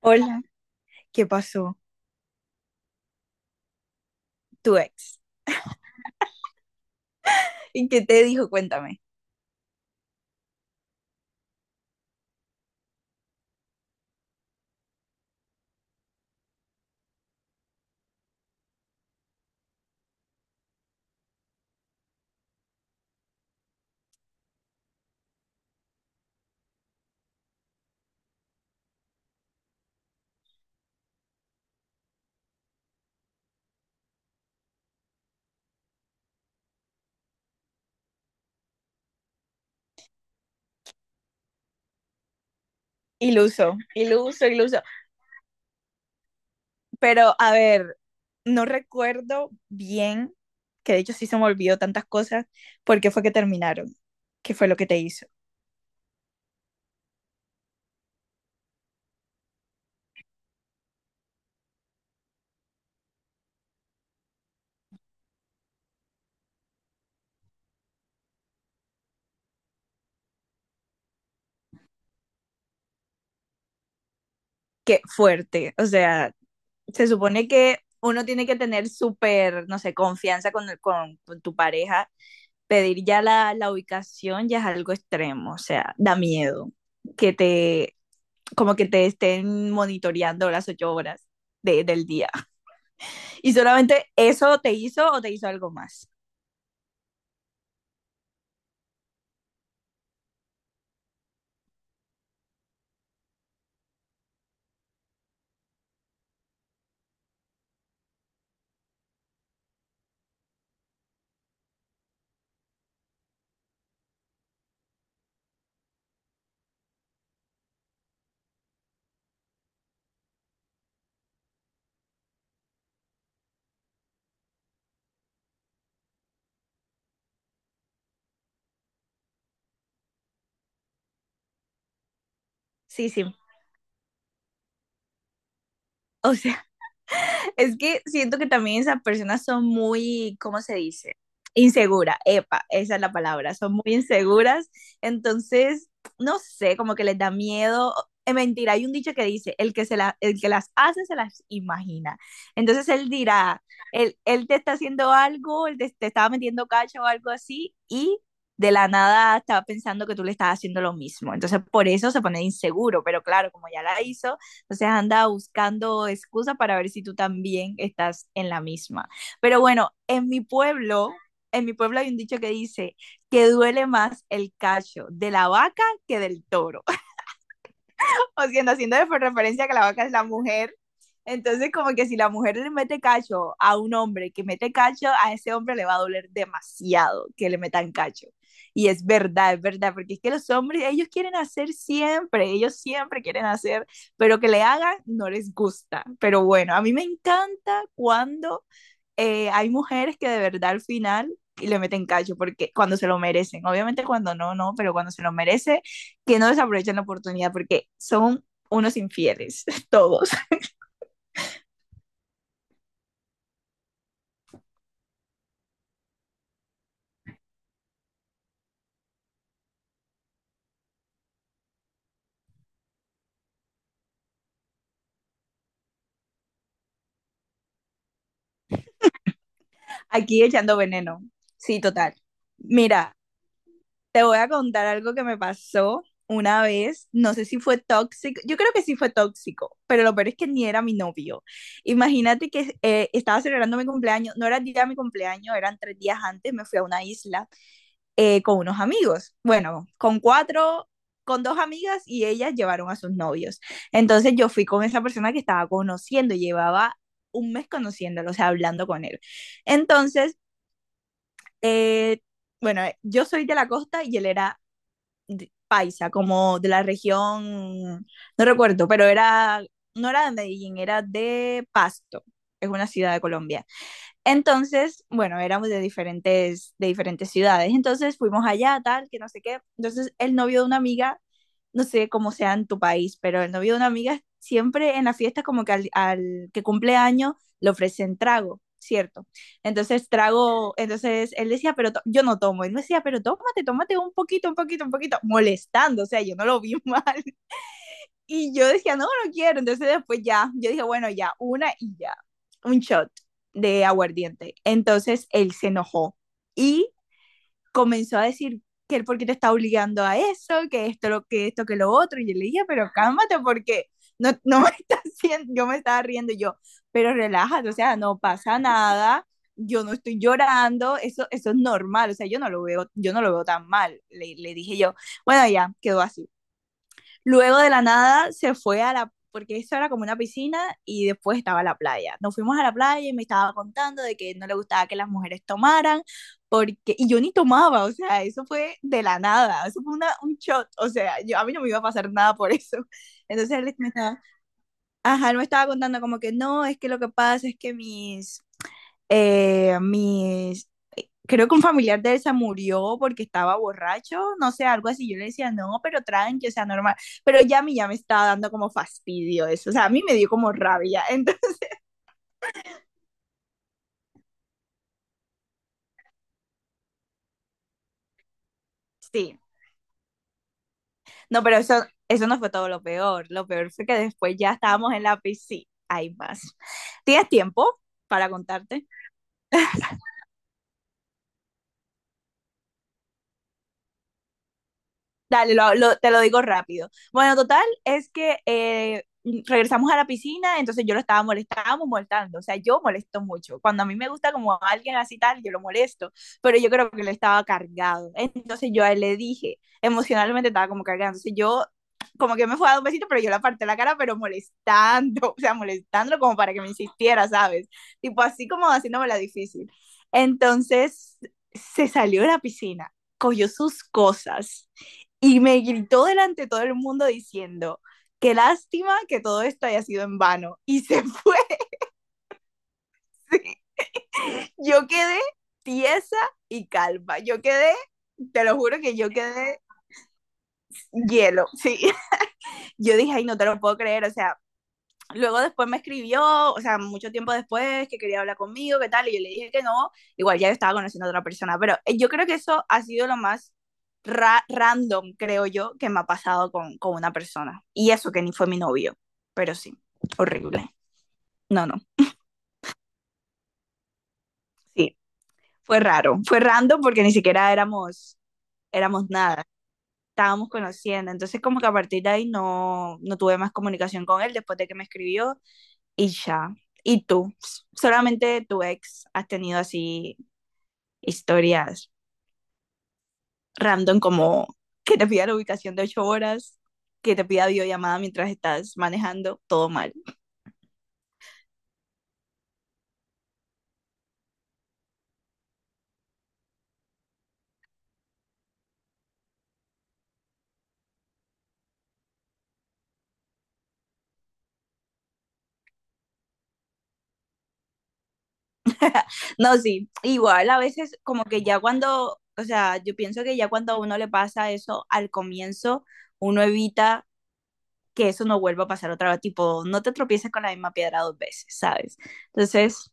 Hola, ¿qué pasó? Tu ex. ¿Y qué te dijo? Cuéntame. Y lo usó, y lo usó, y lo usó. Pero, a ver, no recuerdo bien, que de hecho sí se me olvidó tantas cosas, por qué fue que terminaron, qué fue lo que te hizo. Qué fuerte. O sea, se supone que uno tiene que tener súper, no sé, confianza con tu pareja. Pedir ya la ubicación ya es algo extremo, o sea, da miedo que te como que te estén monitoreando las 8 horas del día. Y solamente eso te hizo o te hizo algo más. Sí, sí. O sea, es que siento que también esas personas son muy, ¿cómo se dice? Insegura, epa, esa es la palabra, son muy inseguras, entonces, no sé, como que les da miedo. Es mentira, hay un dicho que dice, el que, se la, el que las hace se las imagina. Entonces él dirá, él te está haciendo algo, él te estaba metiendo cacho o algo así, y de la nada estaba pensando que tú le estás haciendo lo mismo. Entonces por eso se pone inseguro, pero claro, como ya la hizo, entonces anda buscando excusa para ver si tú también estás en la misma. Pero bueno, en mi pueblo hay un dicho que dice que duele más el cacho de la vaca que del toro. o haciendo referencia a que la vaca es la mujer. Entonces, como que si la mujer le mete cacho a un hombre que mete cacho, a ese hombre le va a doler demasiado que le metan cacho. Y es verdad, porque es que los hombres, ellos quieren hacer siempre, ellos siempre quieren hacer, pero que le hagan no les gusta. Pero bueno, a mí me encanta cuando hay mujeres que de verdad al final le meten cacho porque cuando se lo merecen, obviamente cuando no, no, pero cuando se lo merece, que no desaprovechen la oportunidad porque son unos infieles, todos, aquí echando veneno. Sí, total. Mira, te voy a contar algo que me pasó una vez, no sé si fue tóxico, yo creo que sí fue tóxico, pero lo peor es que ni era mi novio. Imagínate que estaba celebrando mi cumpleaños, no era el día de mi cumpleaños, eran 3 días antes, me fui a una isla con unos amigos. Bueno, con cuatro, con dos amigas y ellas llevaron a sus novios. Entonces yo fui con esa persona que estaba conociendo, llevaba un mes conociéndolo, o sea, hablando con él. Entonces, eh, bueno, yo soy de la costa y él era paisa, como de la región, no recuerdo, pero era, no era de Medellín, era de Pasto, es una ciudad de Colombia. Entonces, bueno, éramos de diferentes ciudades. Entonces fuimos allá, tal, que no sé qué. Entonces el novio de una amiga, no sé cómo sea en tu país, pero el novio de una amiga siempre en la fiesta como que al, al que cumple año le ofrecen trago, ¿cierto? Entonces trago, entonces él decía, pero yo no tomo. Él me decía, pero tómate, tómate un poquito, un poquito, un poquito, molestando. O sea, yo no lo vi mal. Y yo decía, no, no quiero. Entonces después ya, yo dije, bueno, ya, una y ya, un shot de aguardiente. Entonces él se enojó y comenzó a decir que él porque te está obligando a eso, que esto, lo, que esto, que lo otro. Y yo le dije, pero cálmate porque no, no me estás haciendo, yo me estaba riendo yo, pero relájate, o sea, no pasa nada, yo no estoy llorando, eso es normal, o sea, yo no lo veo, yo no lo veo tan mal. Le dije yo, bueno, ya, quedó así. Luego de la nada se fue a la, porque eso era como una piscina y después estaba la playa. Nos fuimos a la playa y me estaba contando de que no le gustaba que las mujeres tomaran, porque, y yo ni tomaba, o sea, eso fue de la nada, eso fue una, un shot, o sea, yo, a mí no me iba a pasar nada por eso. Entonces él me estaba, ajá, él me estaba contando como que no, es que lo que pasa es que mis, creo que un familiar de él se murió porque estaba borracho, no sé, algo así. Yo le decía, no, pero tranqui, o sea, normal. Pero ya a mí ya me estaba dando como fastidio eso, o sea, a mí me dio como rabia. Entonces, sí, no, pero eso no fue todo lo peor. Lo peor fue que después ya estábamos en la piscina. Hay más. ¿Tienes tiempo para contarte? Dale, te lo digo rápido. Bueno, total, es que regresamos a la piscina, entonces yo lo estaba molestando, estábamos molestando. O sea, yo molesto mucho. Cuando a mí me gusta como a alguien así tal, yo lo molesto, pero yo creo que él estaba cargado. Entonces yo a él le dije, emocionalmente estaba como cargado. Entonces yo como que me fue a dar un besito, pero yo le aparté la cara, pero molestando, o sea, molestándolo como para que me insistiera, ¿sabes? Tipo así como haciéndome la difícil. Entonces se salió de la piscina, cogió sus cosas y me gritó delante de todo el mundo diciendo, qué lástima que todo esto haya sido en vano. Y se fue. Yo quedé tiesa y calva. Yo quedé, te lo juro que yo quedé hielo. Sí. Yo dije, ay, no te lo puedo creer. O sea, luego después me escribió, o sea, mucho tiempo después, que quería hablar conmigo, qué tal, y yo le dije que no, igual ya yo estaba conociendo a otra persona, pero yo creo que eso ha sido lo más random, creo yo, que me ha pasado con una persona. Y eso que ni fue mi novio, pero sí, horrible. No, no, sí, fue raro, fue random porque ni siquiera éramos, éramos nada, estábamos conociendo, entonces como que a partir de ahí no tuve más comunicación con él después de que me escribió y ya. ¿Y tú? Solamente tu ex has tenido así historias random como que te pida la ubicación de 8 horas, que te pida videollamada mientras estás manejando, todo mal. No, sí, igual a veces como que ya cuando, o sea, yo pienso que ya cuando a uno le pasa eso al comienzo, uno evita que eso no vuelva a pasar otra vez, tipo, no te tropieces con la misma piedra dos veces, ¿sabes? Entonces,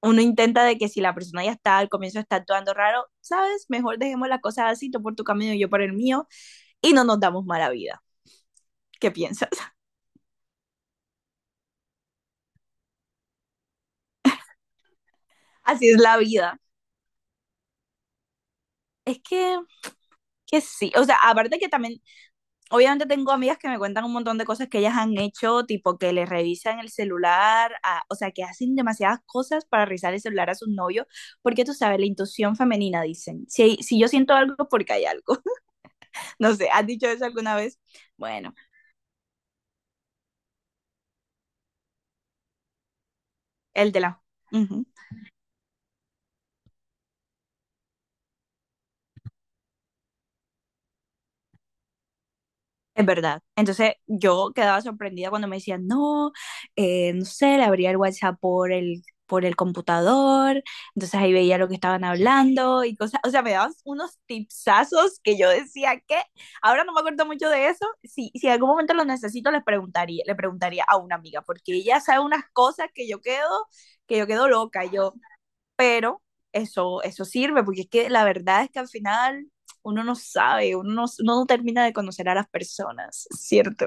uno intenta de que si la persona ya está al comienzo está actuando raro, sabes, mejor dejemos las cosas así, tú por tu camino y yo por el mío, y no nos damos mala vida. ¿Qué piensas? Así es la vida. Es que sí, o sea, aparte que también, obviamente tengo amigas que me cuentan un montón de cosas que ellas han hecho, tipo que les revisan el celular, a- o sea, que hacen demasiadas cosas para revisar el celular a sus novios, porque tú sabes, la intuición femenina, dicen, si, yo siento algo, porque hay algo. No sé, ¿has dicho eso alguna vez? Bueno, el de la... Ujú. Es verdad. Entonces yo quedaba sorprendida cuando me decían, no, no sé, le abría el WhatsApp por el, computador, entonces ahí veía lo que estaban hablando y cosas, o sea, me daban unos tipsazos que yo decía que, ahora no me acuerdo mucho de eso, si en algún momento lo necesito les preguntaría, le preguntaría a una amiga, porque ella sabe unas cosas que yo quedo loca, yo, pero eso sirve, porque es que la verdad es que al final uno no sabe, uno no termina de conocer a las personas, ¿cierto?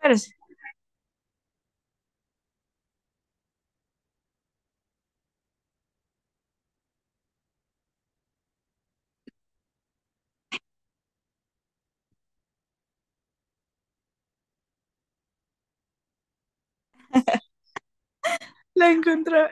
Pero sí, la encontré.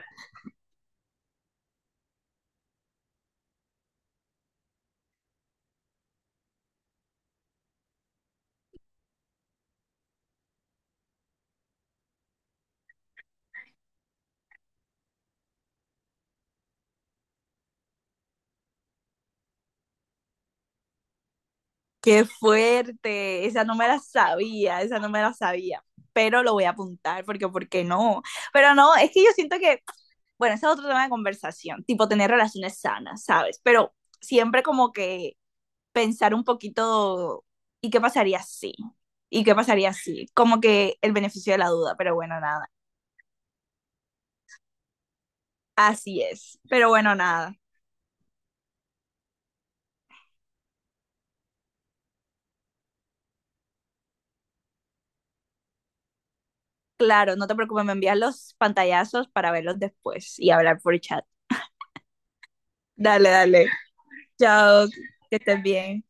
Qué fuerte, esa no me la sabía, esa no me la sabía, pero lo voy a apuntar porque, ¿por qué no? Pero no, es que yo siento que, bueno, ese es otro tema de conversación, tipo tener relaciones sanas, ¿sabes? Pero siempre como que pensar un poquito, ¿y qué pasaría si? ¿Y qué pasaría si? Como que el beneficio de la duda, pero bueno, nada. Así es, pero bueno, nada. Claro, no te preocupes, me envías los pantallazos para verlos después y hablar por chat. Dale, dale. Chao, que estés bien.